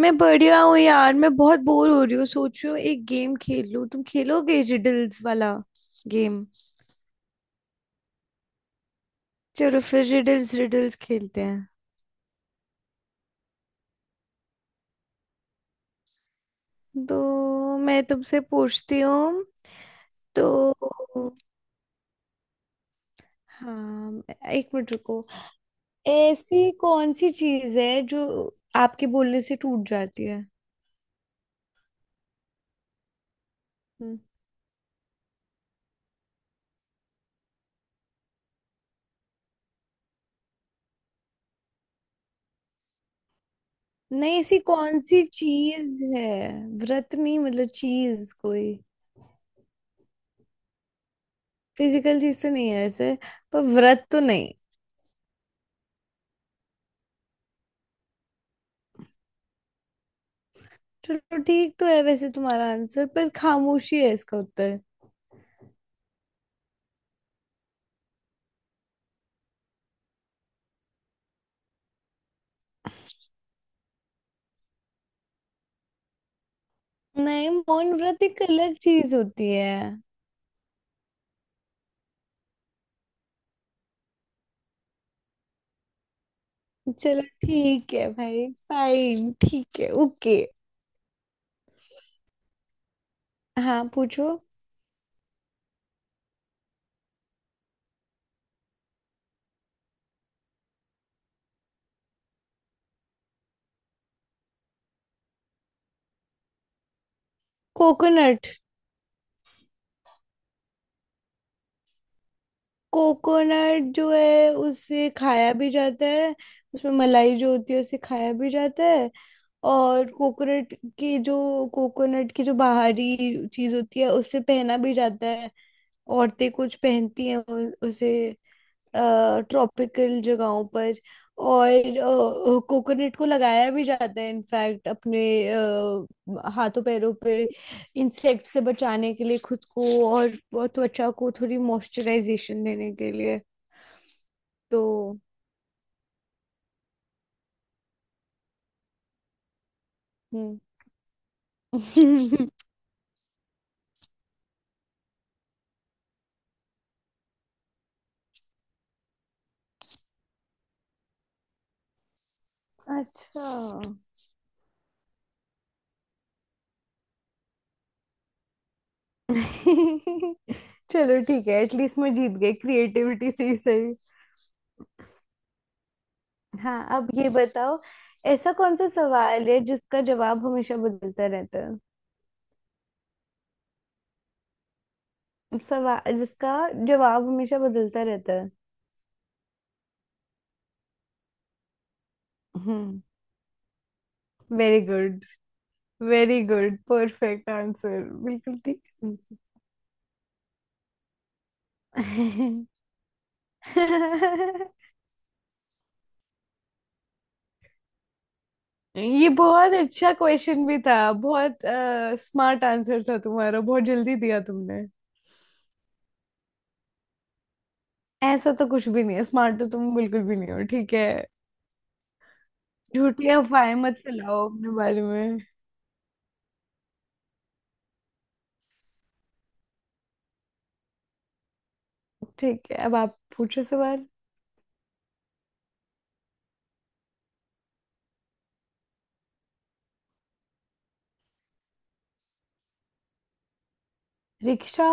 मैं बढ़िया हूँ यार। मैं बहुत बोर हो रही हूँ, सोच रही हूँ एक गेम खेल लूँ। तुम खेलोगे रिडल्स वाला गेम? चलो फिर रिडल्स रिडल्स खेलते हैं। तो मैं तुमसे पूछती हूँ। तो हाँ, एक मिनट रुको। ऐसी कौन सी चीज है जो आपके बोलने से टूट जाती है? हम्म। नहीं, ऐसी कौन सी चीज है? व्रत नहीं, मतलब चीज कोई। फिजिकल चीज तो नहीं है वैसे, पर व्रत तो नहीं। चलो ठीक तो है वैसे तुम्हारा आंसर, पर खामोशी है इसका उत्तर। नहीं, मौन व्रत एक अलग चीज होती है। चलो ठीक है भाई, फाइन ठीक है, ओके। हाँ पूछो। कोकोनट। कोकोनट जो है उसे खाया भी जाता है। उसमें मलाई जो होती है उसे खाया भी जाता है। और की जो कोकोनट की जो बाहरी चीज होती है उसे पहना भी जाता है। औरतें कुछ पहनती हैं उसे, ट्रॉपिकल जगहों पर। और कोकोनट को लगाया भी जाता है इनफैक्ट अपने हाथों पैरों पे, इंसेक्ट से बचाने के लिए खुद को। और त्वचा को थोड़ी मॉइस्चराइजेशन देने के लिए। तो हम्म। अच्छा। चलो ठीक है, एटलीस्ट मैं जीत गई क्रिएटिविटी से ही सही। हाँ, अब ये बताओ। ऐसा कौन सा सवाल है जिसका जवाब हमेशा बदलता रहता है? सवाल जिसका जवाब हमेशा बदलता रहता है। Hmm. Very good, very good, perfect answer, बिल्कुल ठीक आंसर। ये बहुत अच्छा क्वेश्चन भी था, बहुत स्मार्ट आंसर था तुम्हारा, बहुत जल्दी दिया तुमने। ऐसा तो कुछ भी नहीं है, स्मार्ट तो तुम बिल्कुल भी नहीं हो ठीक है। झूठी अफवाहें मत फैलाओ अपने बारे में। ठीक है अब आप पूछो सवाल। रिक्शा।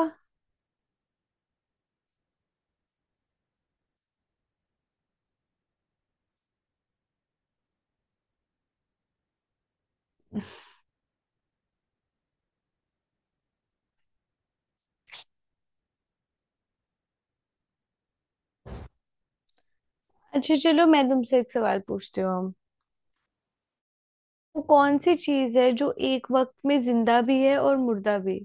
अच्छा चलो, मैं तुमसे एक सवाल पूछती हूँ। वो कौन सी चीज है जो एक वक्त में जिंदा भी है और मुर्दा भी?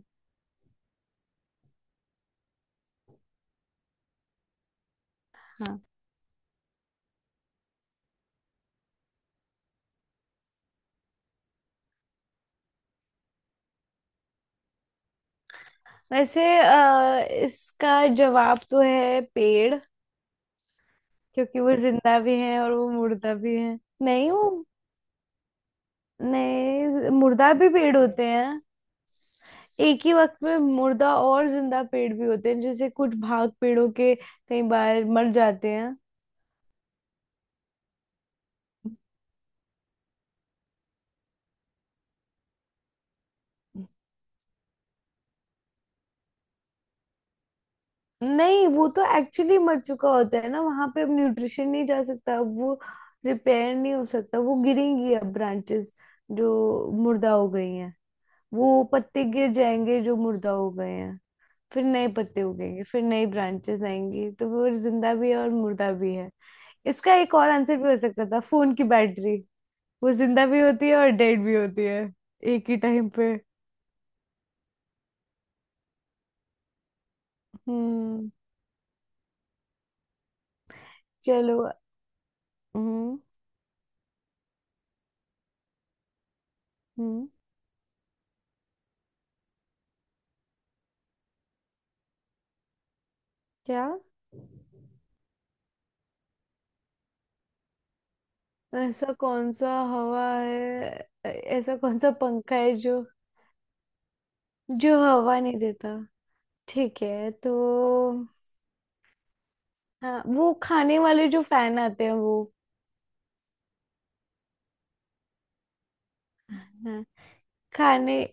हाँ, वैसे इसका जवाब तो है पेड़। क्योंकि वो जिंदा भी है और वो मुर्दा भी है। नहीं वो, नहीं मुर्दा भी पेड़ होते हैं। एक ही वक्त में मुर्दा और जिंदा पेड़ भी होते हैं, जैसे कुछ भाग पेड़ों के कई बार मर जाते हैं। नहीं वो तो एक्चुअली मर चुका होता है ना, वहां पे अब न्यूट्रिशन नहीं जा सकता, अब वो रिपेयर नहीं हो सकता। वो गिरेंगी अब ब्रांचेस जो मुर्दा हो गई हैं, वो पत्ते गिर जाएंगे जो मुर्दा हो गए हैं, फिर नए पत्ते उगेंगे, फिर नई ब्रांचेस आएंगी। तो वो जिंदा भी है और मुर्दा भी है। इसका एक और आंसर भी हो सकता था, फोन की बैटरी। वो जिंदा भी होती है और डेड भी होती है, एक ही टाइम पे। हम्म। चलो। हम्म। हम्म। क्या? ऐसा कौन सा हवा है? ऐ- ऐसा कौन सा पंखा है जो, जो हवा नहीं देता? ठीक है तो, हाँ, वो खाने वाले जो फैन आते हैं वो। हाँ, खाने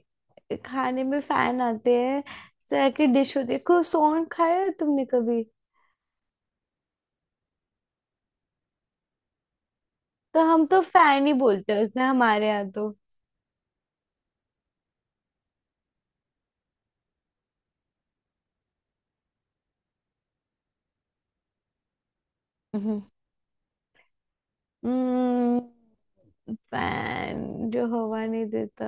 खाने में फैन आते हैं, तरह की डिश होती है, क्रोसॉन खाया है तुमने कभी? तो हम तो फैन ही बोलते हैं उसे, हमारे यहाँ तो। हम्म। हम्म, फैन जो हवा नहीं देता।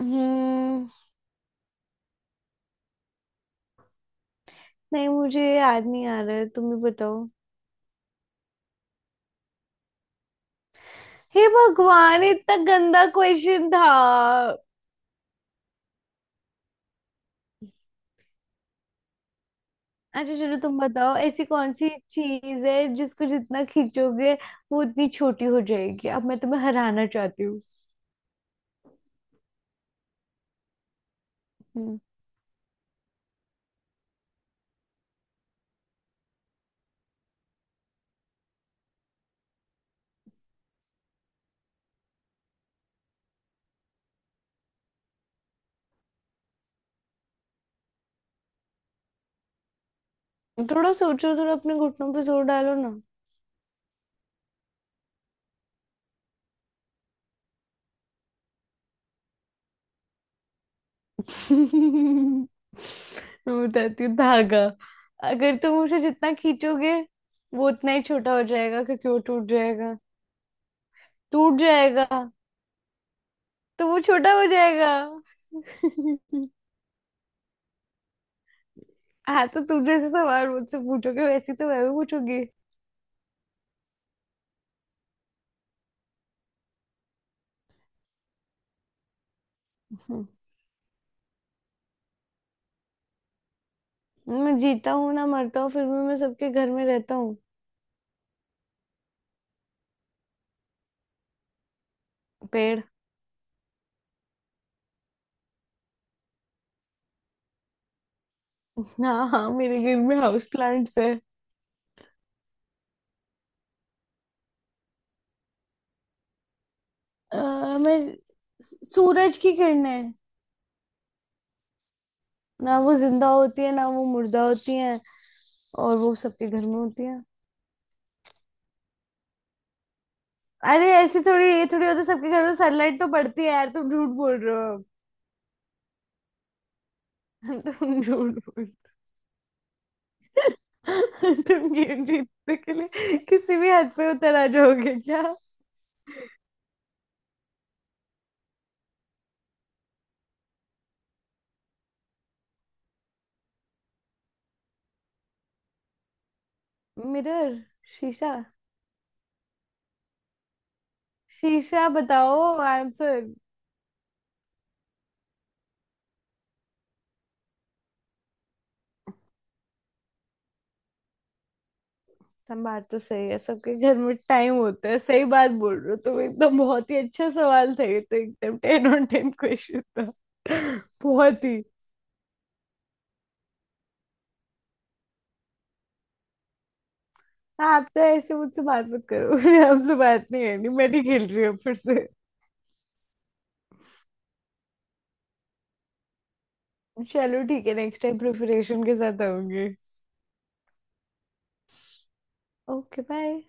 हम्म। नहीं, मुझे याद नहीं आ रहा है, तुम ही बताओ। हे भगवान, इतना गंदा क्वेश्चन था। अच्छा चलो तुम बताओ, ऐसी कौन सी चीज है जिसको जितना खींचोगे वो उतनी छोटी हो जाएगी? अब मैं तुम्हें हराना चाहती हूँ। हम्म। थोड़ा सोचो, थोड़ा अपने घुटनों पे जोर डालो ना। मैं बताती हूँ, धागा। अगर तुम उसे जितना खींचोगे वो उतना ही छोटा हो जाएगा क्योंकि वो टूट जाएगा। टूट जाएगा तो वो छोटा हो जाएगा। हाँ तो तुम जैसे सवाल मुझसे पूछोगे वैसे तो मैं भी पूछूंगी। हम्म। मैं जीता हूँ ना मरता हूँ, फिर भी मैं सबके घर में रहता हूँ। पेड़। हाँ हाँ, मेरे घर में हाउस प्लांट्स है। मैं, सूरज की किरणें। ना वो जिंदा होती है ना वो मुर्दा होती है, और वो सबके घर में होती है। अरे ऐसे थोड़ी, ये थोड़ी होता है। सबके घर में सनलाइट तो पड़ती है यार, तुम झूठ बोल रहे हो अब। तुम झूठ बोल। तुम गेम जीतने के लिए किसी भी हद पे उतर आ जाओगे क्या? मिरर, शीशा। शीशा, बताओ आंसर। हम, बात तो सही है, सबके घर में टाइम होता है, सही बात बोल रहे हो तुम एकदम, बहुत ही अच्छा सवाल था ये तो, एकदम 10 ऑन 10 क्वेश्चन था। बहुत ही, आप तो ऐसे मुझसे बात मत करो। आपसे बात नहीं है, नहीं मैं नहीं खेल रही हूँ फिर से। चलो ठीक है, नेक्स्ट टाइम प्रिपरेशन के साथ आऊंगी। Okay bye.